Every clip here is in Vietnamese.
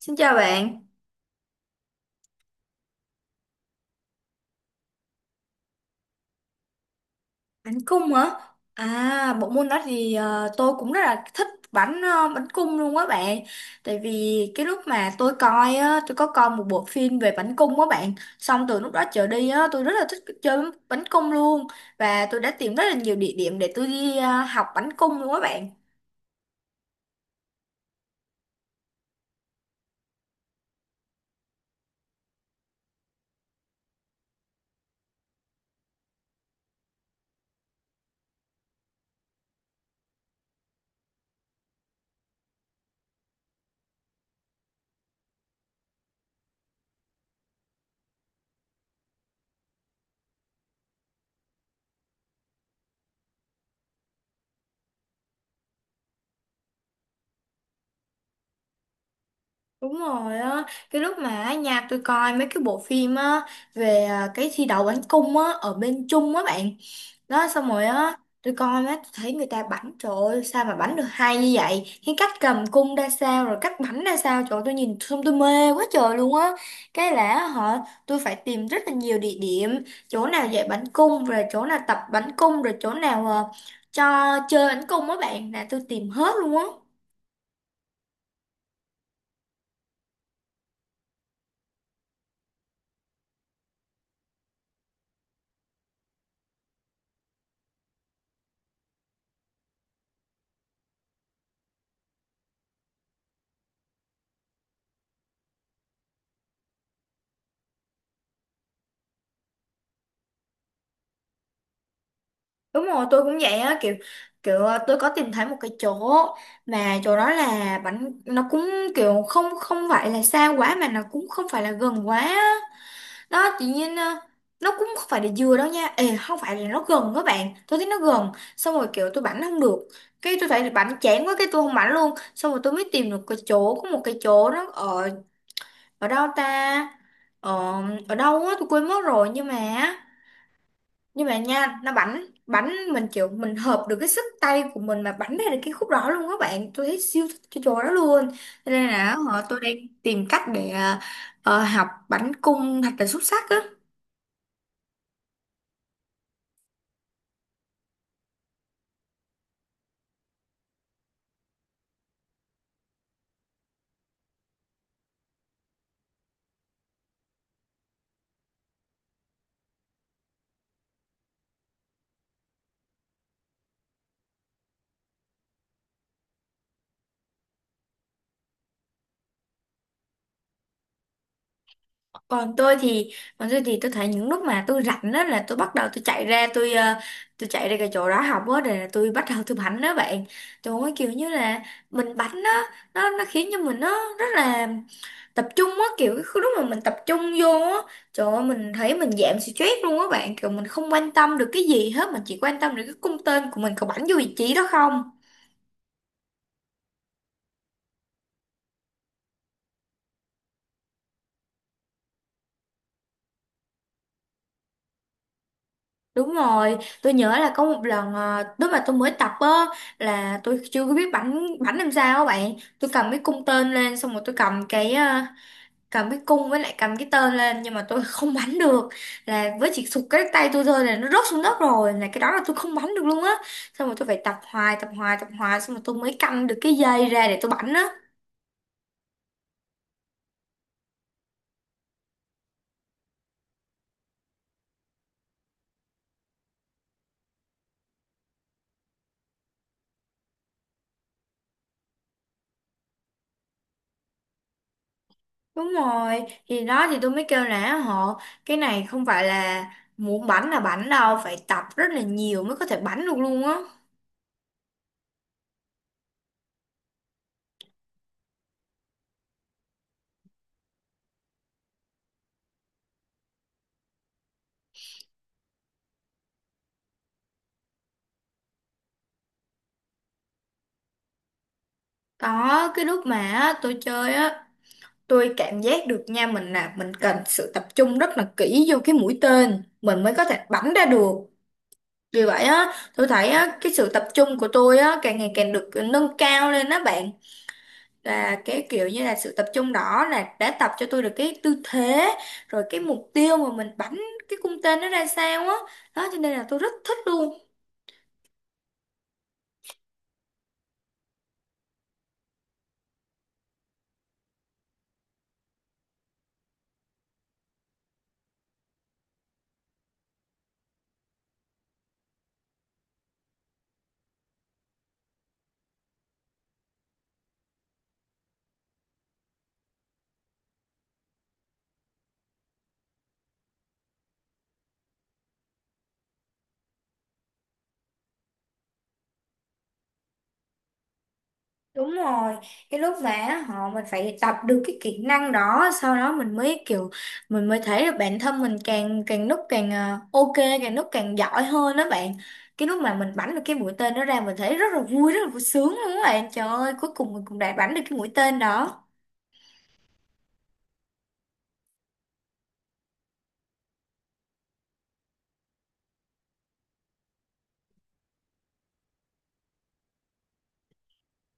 Xin chào bạn, bánh cung hả? À, bộ môn đó thì tôi cũng rất là thích bánh cung luôn á bạn. Tại vì cái lúc mà tôi coi á, tôi có coi một bộ phim về bánh cung á bạn. Xong từ lúc đó trở đi á, tôi rất là thích chơi bánh cung luôn, và tôi đã tìm rất là nhiều địa điểm để tôi đi học bánh cung luôn á bạn. Đúng rồi á, cái lúc mà ở nhà tôi coi mấy cái bộ phim á về cái thi đấu bánh cung á ở bên Trung á bạn đó. Xong rồi á tôi coi, má tôi thấy người ta bảnh, trời ơi sao mà bảnh được hay như vậy, cái cách cầm cung ra sao rồi cách bảnh ra sao. Trời ơi, tôi nhìn xong tôi mê quá trời luôn á. Cái là họ tôi phải tìm rất là nhiều địa điểm, chỗ nào dạy bảnh cung rồi chỗ nào tập bảnh cung rồi chỗ nào cho chơi bảnh cung á bạn, là tôi tìm hết luôn á. Đúng rồi, tôi cũng vậy á, kiểu kiểu tôi có tìm thấy một cái chỗ mà chỗ đó là bánh nó cũng kiểu không không phải là xa quá mà nó cũng không phải là gần quá á. Đó tự nhiên nó cũng không phải là dừa đâu nha. Ê, không phải là nó gần các bạn, tôi thấy nó gần xong rồi kiểu tôi bắn không được. Cái tôi thấy bắn chán quá, cái tôi không bắn luôn, xong rồi tôi mới tìm được cái chỗ, có một cái chỗ nó ở, ở đâu ta, ở ở đâu á tôi quên mất rồi, nhưng mà nha nó bắn bắn mình, kiểu mình hợp được cái sức tay của mình mà bắn ra được cái khúc đó luôn các bạn, tôi thấy siêu thích cái chỗ đó luôn. Cho nên là tôi đang tìm cách để học bắn cung thật là xuất sắc á. còn tôi thì Còn tôi thì tôi thấy những lúc mà tôi rảnh đó là tôi bắt đầu, tôi chạy ra, tôi chạy ra cái chỗ đó học á, để tôi bắt đầu tôi bắn đó bạn. Trời ơi kiểu như là mình bắn đó, nó khiến cho mình nó rất là tập trung á. Kiểu cái lúc mà mình tập trung vô á, trời ơi mình thấy mình giảm stress luôn á bạn, kiểu mình không quan tâm được cái gì hết, mình chỉ quan tâm được cái cung tên của mình có bắn vô vị trí đó không. Đúng rồi, tôi nhớ là có một lần lúc mà tôi mới tập á là tôi chưa có biết bắn bắn làm sao á bạn. Tôi cầm cái cung tên lên xong rồi tôi cầm cầm cái cung với lại cầm cái tên lên, nhưng mà tôi không bắn được. Là với chỉ sụt cái tay tôi thôi là nó rớt xuống đất rồi, là cái đó là tôi không bắn được luôn á. Xong rồi tôi phải tập hoài tập hoài tập hoài, xong rồi tôi mới căng được cái dây ra để tôi bắn á. Đúng rồi, thì đó thì tôi mới kêu là họ cái này không phải là muốn bắn là bắn đâu, phải tập rất là nhiều mới có thể bắn được luôn á. Có cái lúc mà á, tôi chơi á, tôi cảm giác được nha, mình là mình cần sự tập trung rất là kỹ vô cái mũi tên mình mới có thể bắn ra được. Vì vậy á, tôi thấy á, cái sự tập trung của tôi á càng ngày càng được nâng cao lên đó bạn. Là cái kiểu như là sự tập trung đó là đã tập cho tôi được cái tư thế, rồi cái mục tiêu mà mình bắn cái cung tên nó ra sao á. Đó cho nên là tôi rất thích luôn. Đúng rồi, cái lúc mà họ mình phải tập được cái kỹ năng đó, sau đó mình mới thấy được bản thân mình càng càng lúc càng ok, càng lúc càng giỏi hơn đó bạn. Cái lúc mà mình bắn được cái mũi tên đó ra, mình thấy rất là vui, rất là vui sướng luôn đó bạn, trời ơi cuối cùng mình cũng đã bắn được cái mũi tên đó.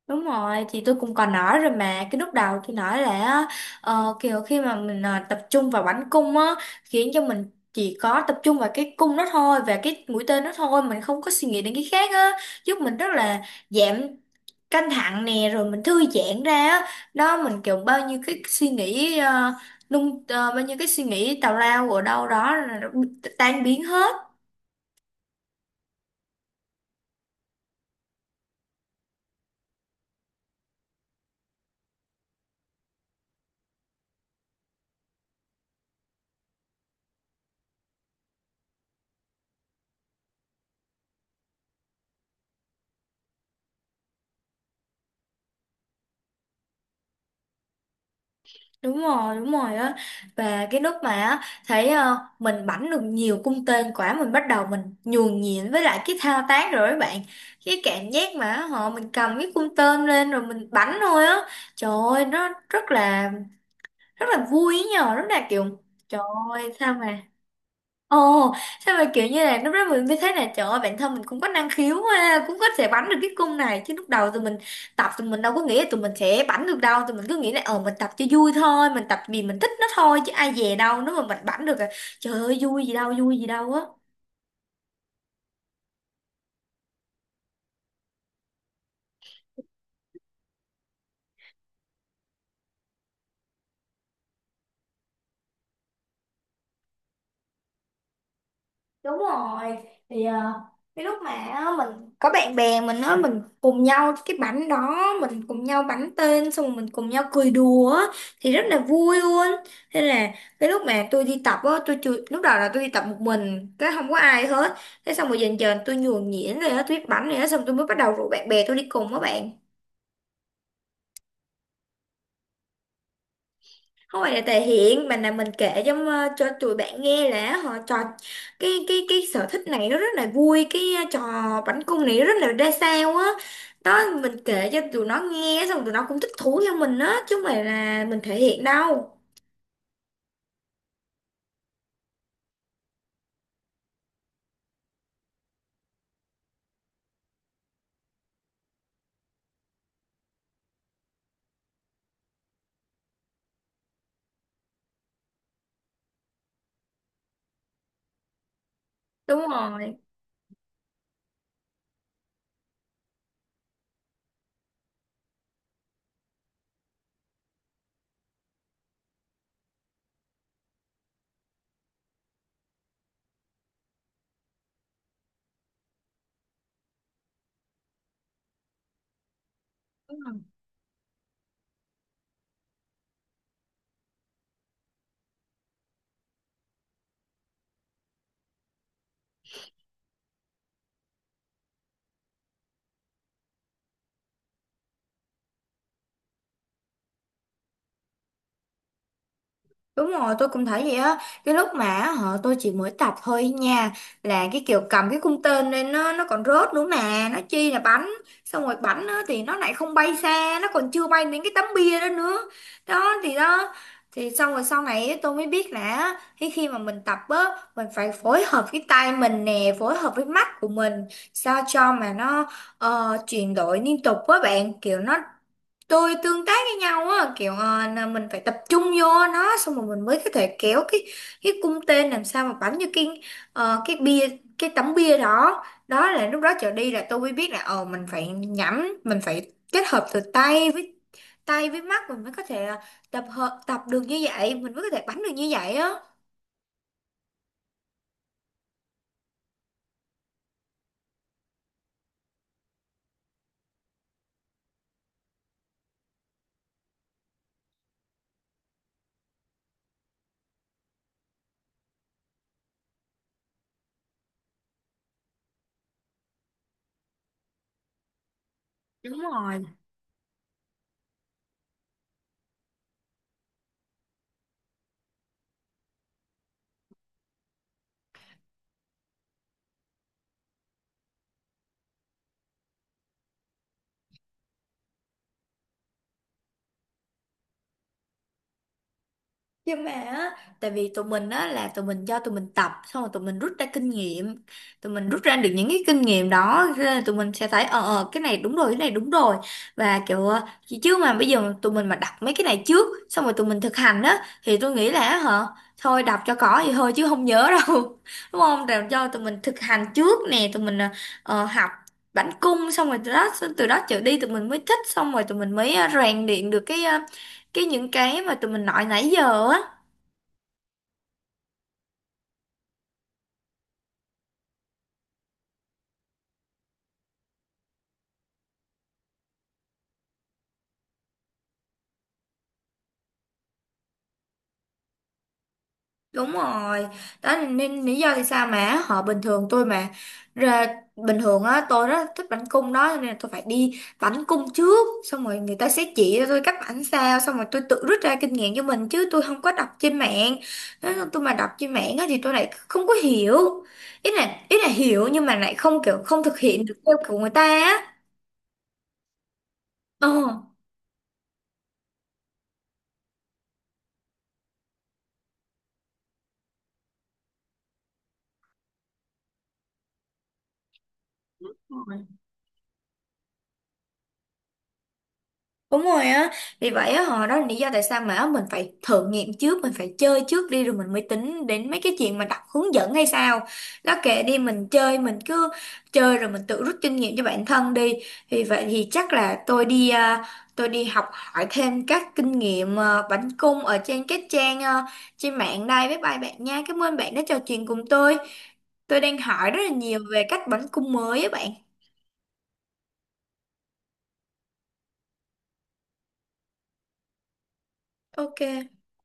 Đúng rồi, thì tôi cũng còn nói rồi mà. Cái lúc đầu tôi nói là kiểu khi mà mình tập trung vào bắn cung á, khiến cho mình chỉ có tập trung vào cái cung đó thôi, và cái mũi tên đó thôi. Mình không có suy nghĩ đến cái khác á, giúp mình rất là giảm căng thẳng nè, rồi mình thư giãn ra á. Đó mình kiểu, bao nhiêu cái suy nghĩ tào lao ở đâu đó là nó tan biến hết. Đúng rồi, đúng rồi á, và cái lúc mà á, thấy mình bảnh được nhiều cung tên quả, mình bắt đầu mình nhuần nhuyễn với lại cái thao tác rồi các bạn. Cái cảm giác mà họ mình cầm cái cung tên lên rồi mình bảnh thôi á, trời ơi nó rất là, rất là vui ấy nhờ, rất là kiểu, trời ơi sao mà Ồ, sao mà kiểu như là, lúc đó mình mới thấy là trời ơi bản thân mình cũng có năng khiếu ha, cũng có thể bắn được cái cung này. Chứ lúc đầu tụi mình tập, tụi mình đâu có nghĩ là tụi mình sẽ bắn được đâu, tụi mình cứ nghĩ là mình tập cho vui thôi, mình tập vì mình thích nó thôi, chứ ai dè đâu nếu mà mình bắn được là trời ơi vui gì đâu á. Đúng rồi, thì cái lúc mà á, mình có bạn bè mình á, mình cùng nhau cái bánh đó, mình cùng nhau bắn tên xong rồi mình cùng nhau cười đùa á, thì rất là vui luôn. Thế là cái lúc mà tôi đi tập á tôi chưa, lúc đầu là tôi đi tập một mình, cái không có ai hết. Thế xong rồi dần dần tôi nhuần nhuyễn rồi á, tôi biết bắn rồi á, xong tôi mới bắt đầu rủ bạn bè tôi đi cùng á bạn. Không phải là thể hiện, mà là mình kể cho cho tụi bạn nghe là họ trò, cái sở thích này nó rất là vui, cái trò bắn cung này rất là ra sao á. Đó mình kể cho tụi nó nghe, xong tụi nó cũng thích thú theo mình á, chứ không phải là mình thể hiện đâu. Đúng rồi. Đúng rồi, tôi cũng thấy vậy á. Cái lúc mà họ tôi chỉ mới tập thôi nha, là cái kiểu cầm cái cung tên lên nó còn rớt nữa mà, nó chi là bắn, xong rồi bắn á, thì nó lại không bay xa, nó còn chưa bay đến cái tấm bia đó nữa. Đó, thì xong rồi sau này á, tôi mới biết là á, khi khi mà mình tập á, mình phải phối hợp cái tay mình nè, phối hợp với mắt của mình sao cho mà nó chuyển đổi liên tục với bạn, kiểu nó tôi tương tác với nhau á, kiểu là mình phải tập trung vô nó xong rồi mình mới có thể kéo cái cung tên làm sao mà bắn như ờ, cái bia cái tấm bia đó. Đó là lúc đó trở đi là tôi mới biết là mình phải nhắm, mình phải kết hợp từ tay với mắt, mình mới có thể là tập được như vậy, mình mới có thể bắn được như vậy á. Đúng rồi, nhưng mà á, tại vì tụi mình á, là tụi mình cho tụi mình tập xong rồi tụi mình rút ra kinh nghiệm, tụi mình rút ra được những cái kinh nghiệm đó, cho tụi mình sẽ thấy, cái này đúng rồi, cái này đúng rồi, và kiểu chứ chứ mà bây giờ tụi mình mà đọc mấy cái này trước xong rồi tụi mình thực hành á, thì tôi nghĩ là hả, thôi đọc cho có vậy thôi chứ không nhớ đâu đúng không? Rồi cho tụi mình thực hành trước nè, tụi mình học bắn cung, xong rồi từ đó trở đi tụi mình mới thích, xong rồi tụi mình mới rèn luyện được cái ờ, cái những cái mà tụi mình nói nãy giờ á. Đúng rồi, đó là nên lý do tại sao mà họ ra bình thường á tôi rất thích bánh cung đó, cho nên là tôi phải đi bánh cung trước, xong rồi người ta sẽ chỉ cho tôi cách bánh sao, xong rồi tôi tự rút ra kinh nghiệm cho mình, chứ tôi không có đọc trên mạng. Nói chung tôi mà đọc trên mạng á thì tôi lại không có hiểu, ý là hiểu, nhưng mà lại không thực hiện được theo của người ta á ờ Đúng rồi á, vì vậy á, họ đó là lý do tại sao mà á, mình phải thử nghiệm trước, mình phải chơi trước đi rồi mình mới tính đến mấy cái chuyện mà đọc hướng dẫn hay sao. Đó kệ đi, mình chơi, mình cứ chơi rồi mình tự rút kinh nghiệm cho bản thân đi. Vì vậy thì chắc là tôi đi học hỏi thêm các kinh nghiệm à, bánh cung ở trên các trang à, trên mạng đây. Bye bye bạn nha, cảm ơn bạn đã trò chuyện cùng tôi. Tôi đang hỏi rất là nhiều về cách bánh cung mới á bạn. Ok.